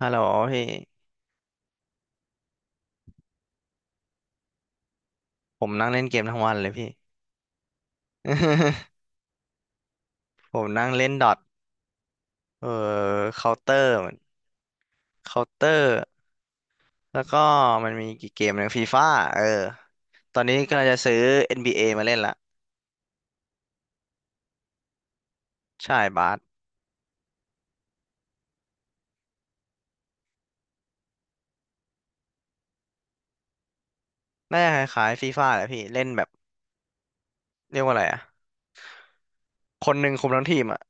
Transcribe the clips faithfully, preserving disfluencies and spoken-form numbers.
ฮัลโหลพี่ผมนั่งเล่นเกมทั้งวันเลยพี่ ผมนั่งเล่นดอทเออเคาน์เตอร์มนเคาน์เตอร์แล้วก็มันมีกี่เกมหนึ่งฟีฟ่าเออตอนนี้กำลังจะซื้อ เอ็น บี เอ มาเล่นละใช่บาสน่าจะคล้ายๆฟีฟ่าแหละพี่เล่นแบบเรียกว่าอะไรอะคนหนึ่งคุมทั้งทีมอะ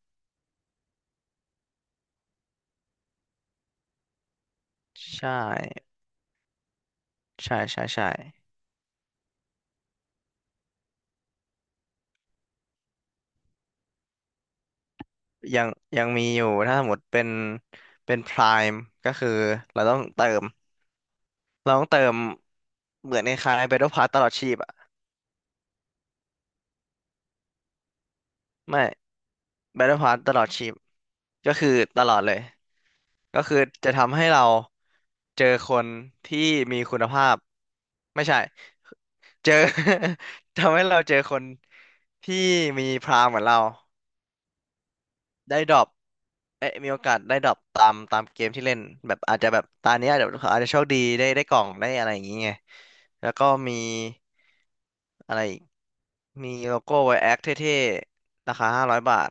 ใช่ใช่ใช่ใช่ยังยังมีอยู่ถ้าสมมติเป็นเป็นพรามก็คือเราต้องเติมเราต้องเติมเหมือนคล้ายๆ Battle Pass ตลอดชีพอะ ไม่ Battle Pass ตลอดชีพก็คือตลอดเลยก็คือจะทำให้เราเจอคนที่มีคุณภาพไม่ใช่ เจอ ทำให้เราเจอคนที่มีพรามเหมือนเรา ได้ดรอปเอ้ยมีโอกาสได้ดรอปตามตามเกมที่เล่นแบบอาจจะแบบตาเนี้ยเดี๋ยวอาจจะโชคดีได้ได้กล่องได้อะไรอย่างเงี้ยแล้วก็มีอะไรอีกมีโลโก้ไวแอคเท่ๆราคาห้าร้อยบาท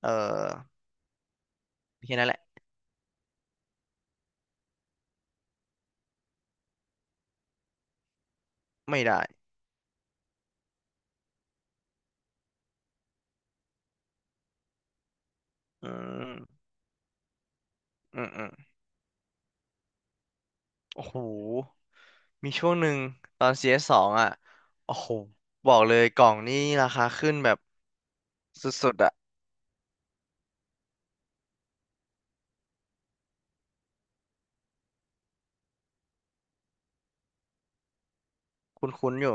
เออมีแค่นั้นแหละไม่ได้อืมอืมอืมโอ้โห มีช่วงหนึ่งตอน ซี เอส สสองอ่ะโอ้โหบอกเลยกล่องนี่ราคาขึ้นแบบสุดๆอ่ะคุ้นๆอยู่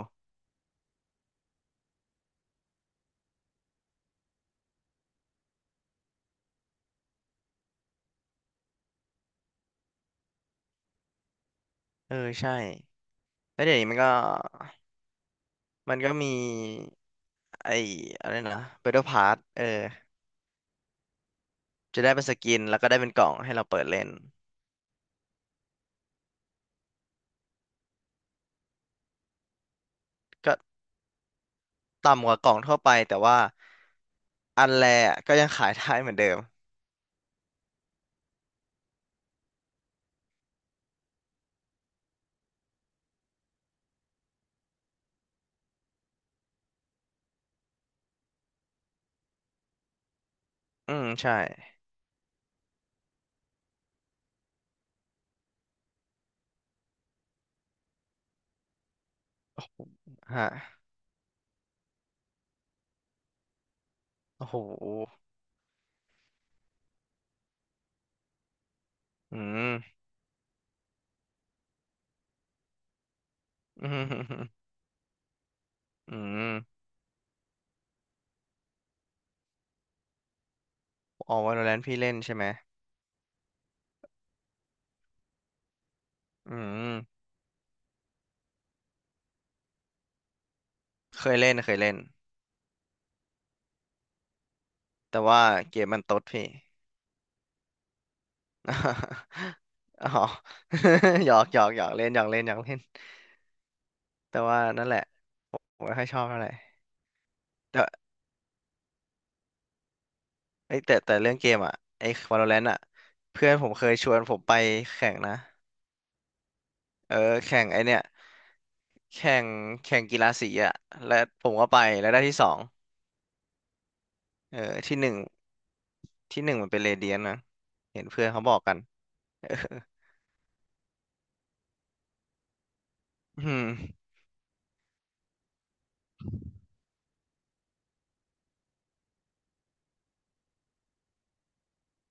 เออใช่แล้วเดี๋ยวนี้มันก็ มันก็มีไอ้อะไรนะ Battle Pass เออจะได้เป็นสกินแล้วก็ได้เป็นกล่องให้เราเปิดเล่นก็ต่ำกว่ากล่องทั่วไปแต่ว่าอันแรกก็ยังขายได้เหมือนเดิมอืมใช่ฮะโอ้โหอืม อืมอืมอ๋อ Valorant พี่เล่นใช่ไหมอืมเคยเล่นเคยเล่นแต่ว่าเกมมันตดพี่ อ๋อ หยอกหยอกหยอกเล่นหยอกเล่นหยอกเล่นแต่ว่านั่นแหละผมไม่ค่อยชอบเท่าไหร่ แต่ไอยแต่แต่เรื่องเกมอ่ะไอ้ Valorant อ่ะเพื่อนผมเคยชวนผมไปแข่งนะเออแข่งไอเนี่ยแข่งแข่งกีฬาสีอ่ะและผมก็ไปแล้วได้ที่สองเออที่หนึ่งที่หนึ่งมันเป็นเรเดียนนะเห็นเพื่อนเขาบอกกันเอออืม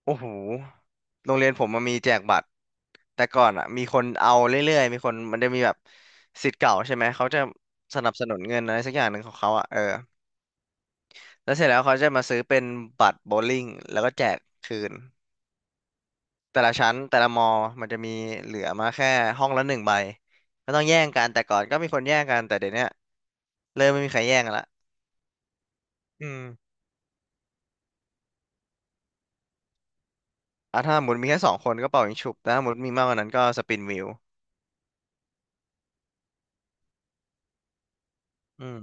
โอ้โหโรงเรียนผมมันมีแจกบัตรแต่ก่อนอ่ะมีคนเอาเรื่อยๆมีคนมันจะมีแบบศิษย์เก่าใช่ไหมเขาจะสนับสนุนเงินอะไรสักอย่างหนึ่งของเขาอ่ะเออ แล้วเสร็จแล้วเขาจะมาซื้อเป็นบัตรโบว์ลิ่งแล้วก็แจกคืนแต่ละชั้นแต่ละมอมันจะมีเหลือมาแค่ห้องละหนึ่งใบก็ต้องแย่งกันแต่ก่อนก็มีคนแย่งกันแต่เดี๋ยวเนี้ยเริ่มไม่มีใครแย่งกันละอืมอ่ะถ้าหมุนมีแค่สองคนก็เป่ายิงฉุบแต่ถ้าหมุนมีมากกว่านั้นก็สปินวิวอืม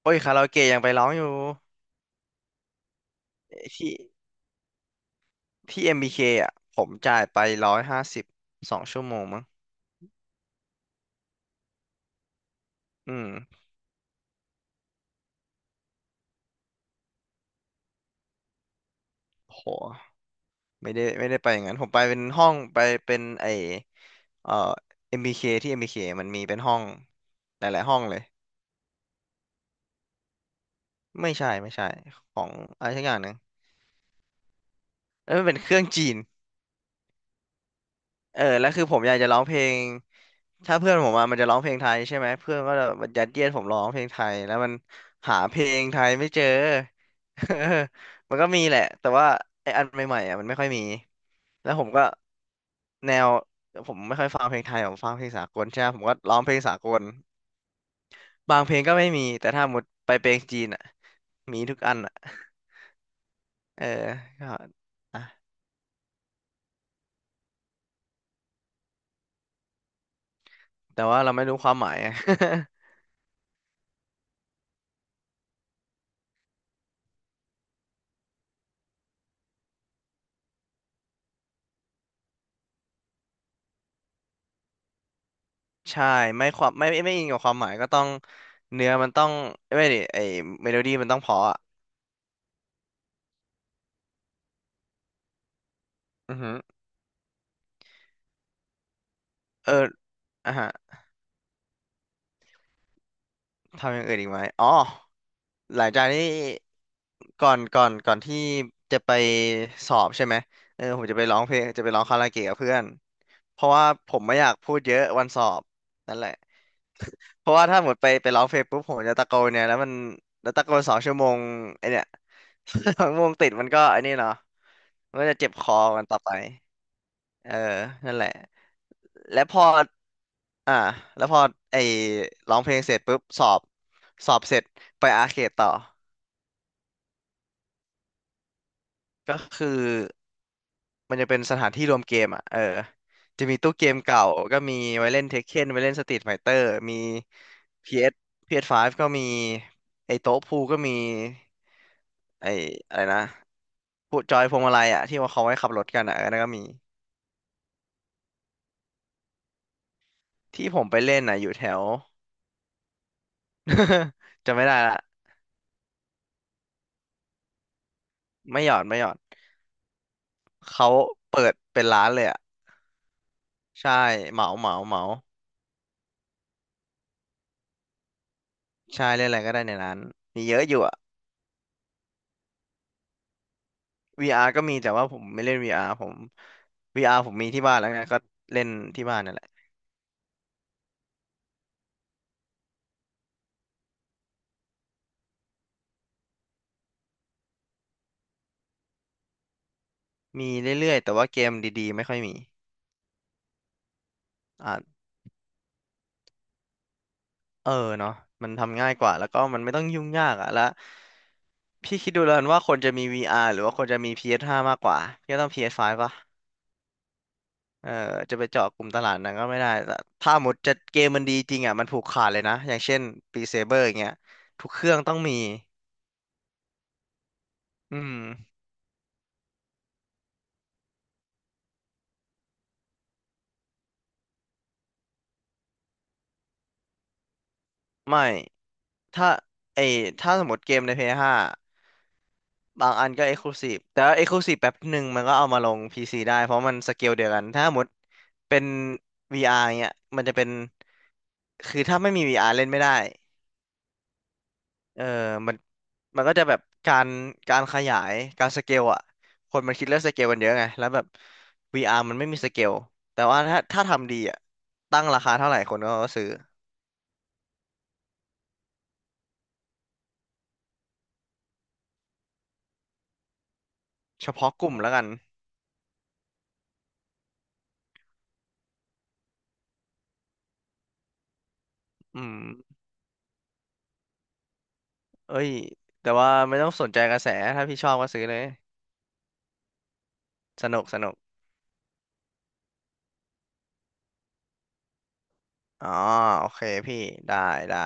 โอ้ยคาราโอเกะยังไปร้องอยู่ที่ที่ เอ็ม บี เค อมบีเคอ่ะผมจ่ายไปร้อยห้าสิบสองชั่วโมงมั้งอืมโห ไม่ได้ไม่ได้ไปอย่างนั้นผมไปเป็นห้องไปเป็นไอเอ่อเอ็มบีเคที่เอ็มบี b k มันมีเป็นห้องหลายๆห้องเลยไม่ใช่ไม่ใช่ของอะไรสักอย่างหนึ่งแล้วมันเป็นเครื่องจีน เออแล้วคือผมอยากจะร้องเพลงถ้าเพื่อนผมมามันจะร้องเพลงไทยใช่ไหมเพื่อนก็จะยัดเยียดผมร้องเพลงไทยแล้วมันหาเพลงไทยไม่เจอ เออมันก็มีแหละแต่ว่าไอ้อันใหม่ๆอ่ะมันไม่ค่อยมีแล้วผมก็แนวผมไม่ค่อยฟังเพลงไทยผมฟังเพลงสากลใช่ไหมผมก็ร้องเพลงสากลบางเพลงก็ไม่มีแต่ถ้าหมดไปเพลงจีนอ่ะมีทุกอันอ่ะเออก็อ่ะแต่ว่าเราไม่รู้ความหมายอะ ใช่ไม่ความไม่ไม่ไม่อิงกับความหมายก็ต้องเนื้อมันต้องไม่ดิไอเมโลดี้มันต้องเพราะอะอือหือเอออ่ะฮะทำอย่างอื่นอีกไหมอ๋อหลังจากนี้ก่อนก่อนก่อนที่จะไปสอบใช่ไหมเออผมจะไปร้องเพลงจะไปร้องคาราโอเกะกับเพื่อนเพราะว่าผมไม่อยากพูดเยอะวันสอบนั่นแหละเพราะว่าถ้าหมดไปไปร้องเพลงปุ๊บผมจะตะโกนเนี่ยแล้วมันแล้วตะโกนสองชั่วโมงไอเนี่ย สองชั่วโมงติดมันก็ไอนี่เนาะ มันก็จะเจ็บคอกันต่อไป เออ นั่นแหละ และพออ่าแล้วพอไอ้ร้องเพลงเสร็จปุ๊บสอบ สอบเสร็จไปอาร์เคดต่อ ก็คือมันจะเป็นสถานที่รวมเกมอ่ะ เออ จะมีตู้เกมเก่าก็มีไว้เล่นเทคเ e นไว้เล่นสตรีทไฟเตอร์มี พี เอส พี เอส ไฟว์ ก็มีไอ้โต๊ะพูลก็มีไอ้อะไรนะ พูจอยพวงมาลัยอ่ะที่ว่าเขาไว้ขับรถกันอ่ะเออนั่นก็มีที่ผมไปเล่นอ่ะอยู่แถว จะไม่ได้ละ ไม่หยอดไม่หยอดเขาเปิดเป็นร้านเลยอ่ะใช่เหมาเหมาเหมาใช่เล่นอะไรก็ได้ในร้านมีเยอะอยู่อ่ะ วี อาร์ ก็มีแต่ว่าผมไม่เล่น วี อาร์ ผม วี อาร์ ผมมีที่บ้านแล้วไงก็เล่นที่บ้านนั่นแหละมีเรื่อยๆแต่ว่าเกมดีๆไม่ค่อยมีอ่ะเออเนาะมันทำง่ายกว่าแล้วก็มันไม่ต้องยุ่งยากอ่ะแล้วพี่คิดดูแล้วกันว่าคนจะมี วี อาร์ หรือว่าคนจะมี พี เอส ไฟว์ มากกว่าพี่ก็ต้อง พี เอส ไฟว์ ป่ะ เออจะไปเจาะกลุ่มตลาดนั้นก็ไม่ได้แต่ถ้าหมดจะเกมมันดีจริงอ่ะมันผูกขาดเลยนะอย่างเช่นปีเซเบอร์อย่างเงี้ยทุกเครื่องต้องมีอืมไม่ถ้าไอถ้าสมมติเกมใน p ้ห้าบางอันก็ Exclusive แต่ว่า Exclusive แป๊บหนึ่งมันก็เอามาลง พี ซี ได้เพราะมันสเกลเดียวกันถ้าหมดเป็น วี อาร์ เงี้ยมันจะเป็นคือถ้าไม่มี วี อาร์ เล่นไม่ได้ เออมันมันก็จะแบบการการขยายการสเกลอ่ะ คนมันคิดเรื่องสเกลกันเยอะไง แล้วแบบ วี อาร์ มันไม่มีสเกล แต่ว่าถ้าถ้าทำดีอ่ะตั้งราคาเท่าไหร่คนก็ซื้อ เฉพาะกลุ่มแล้วกันอืมเอ้ยแต่ว่าไม่ต้องสนใจกระแสถ้าพี่ชอบก็ซื้อเลย สนุกสนุกอ๋อโอเคพี่ได้ได้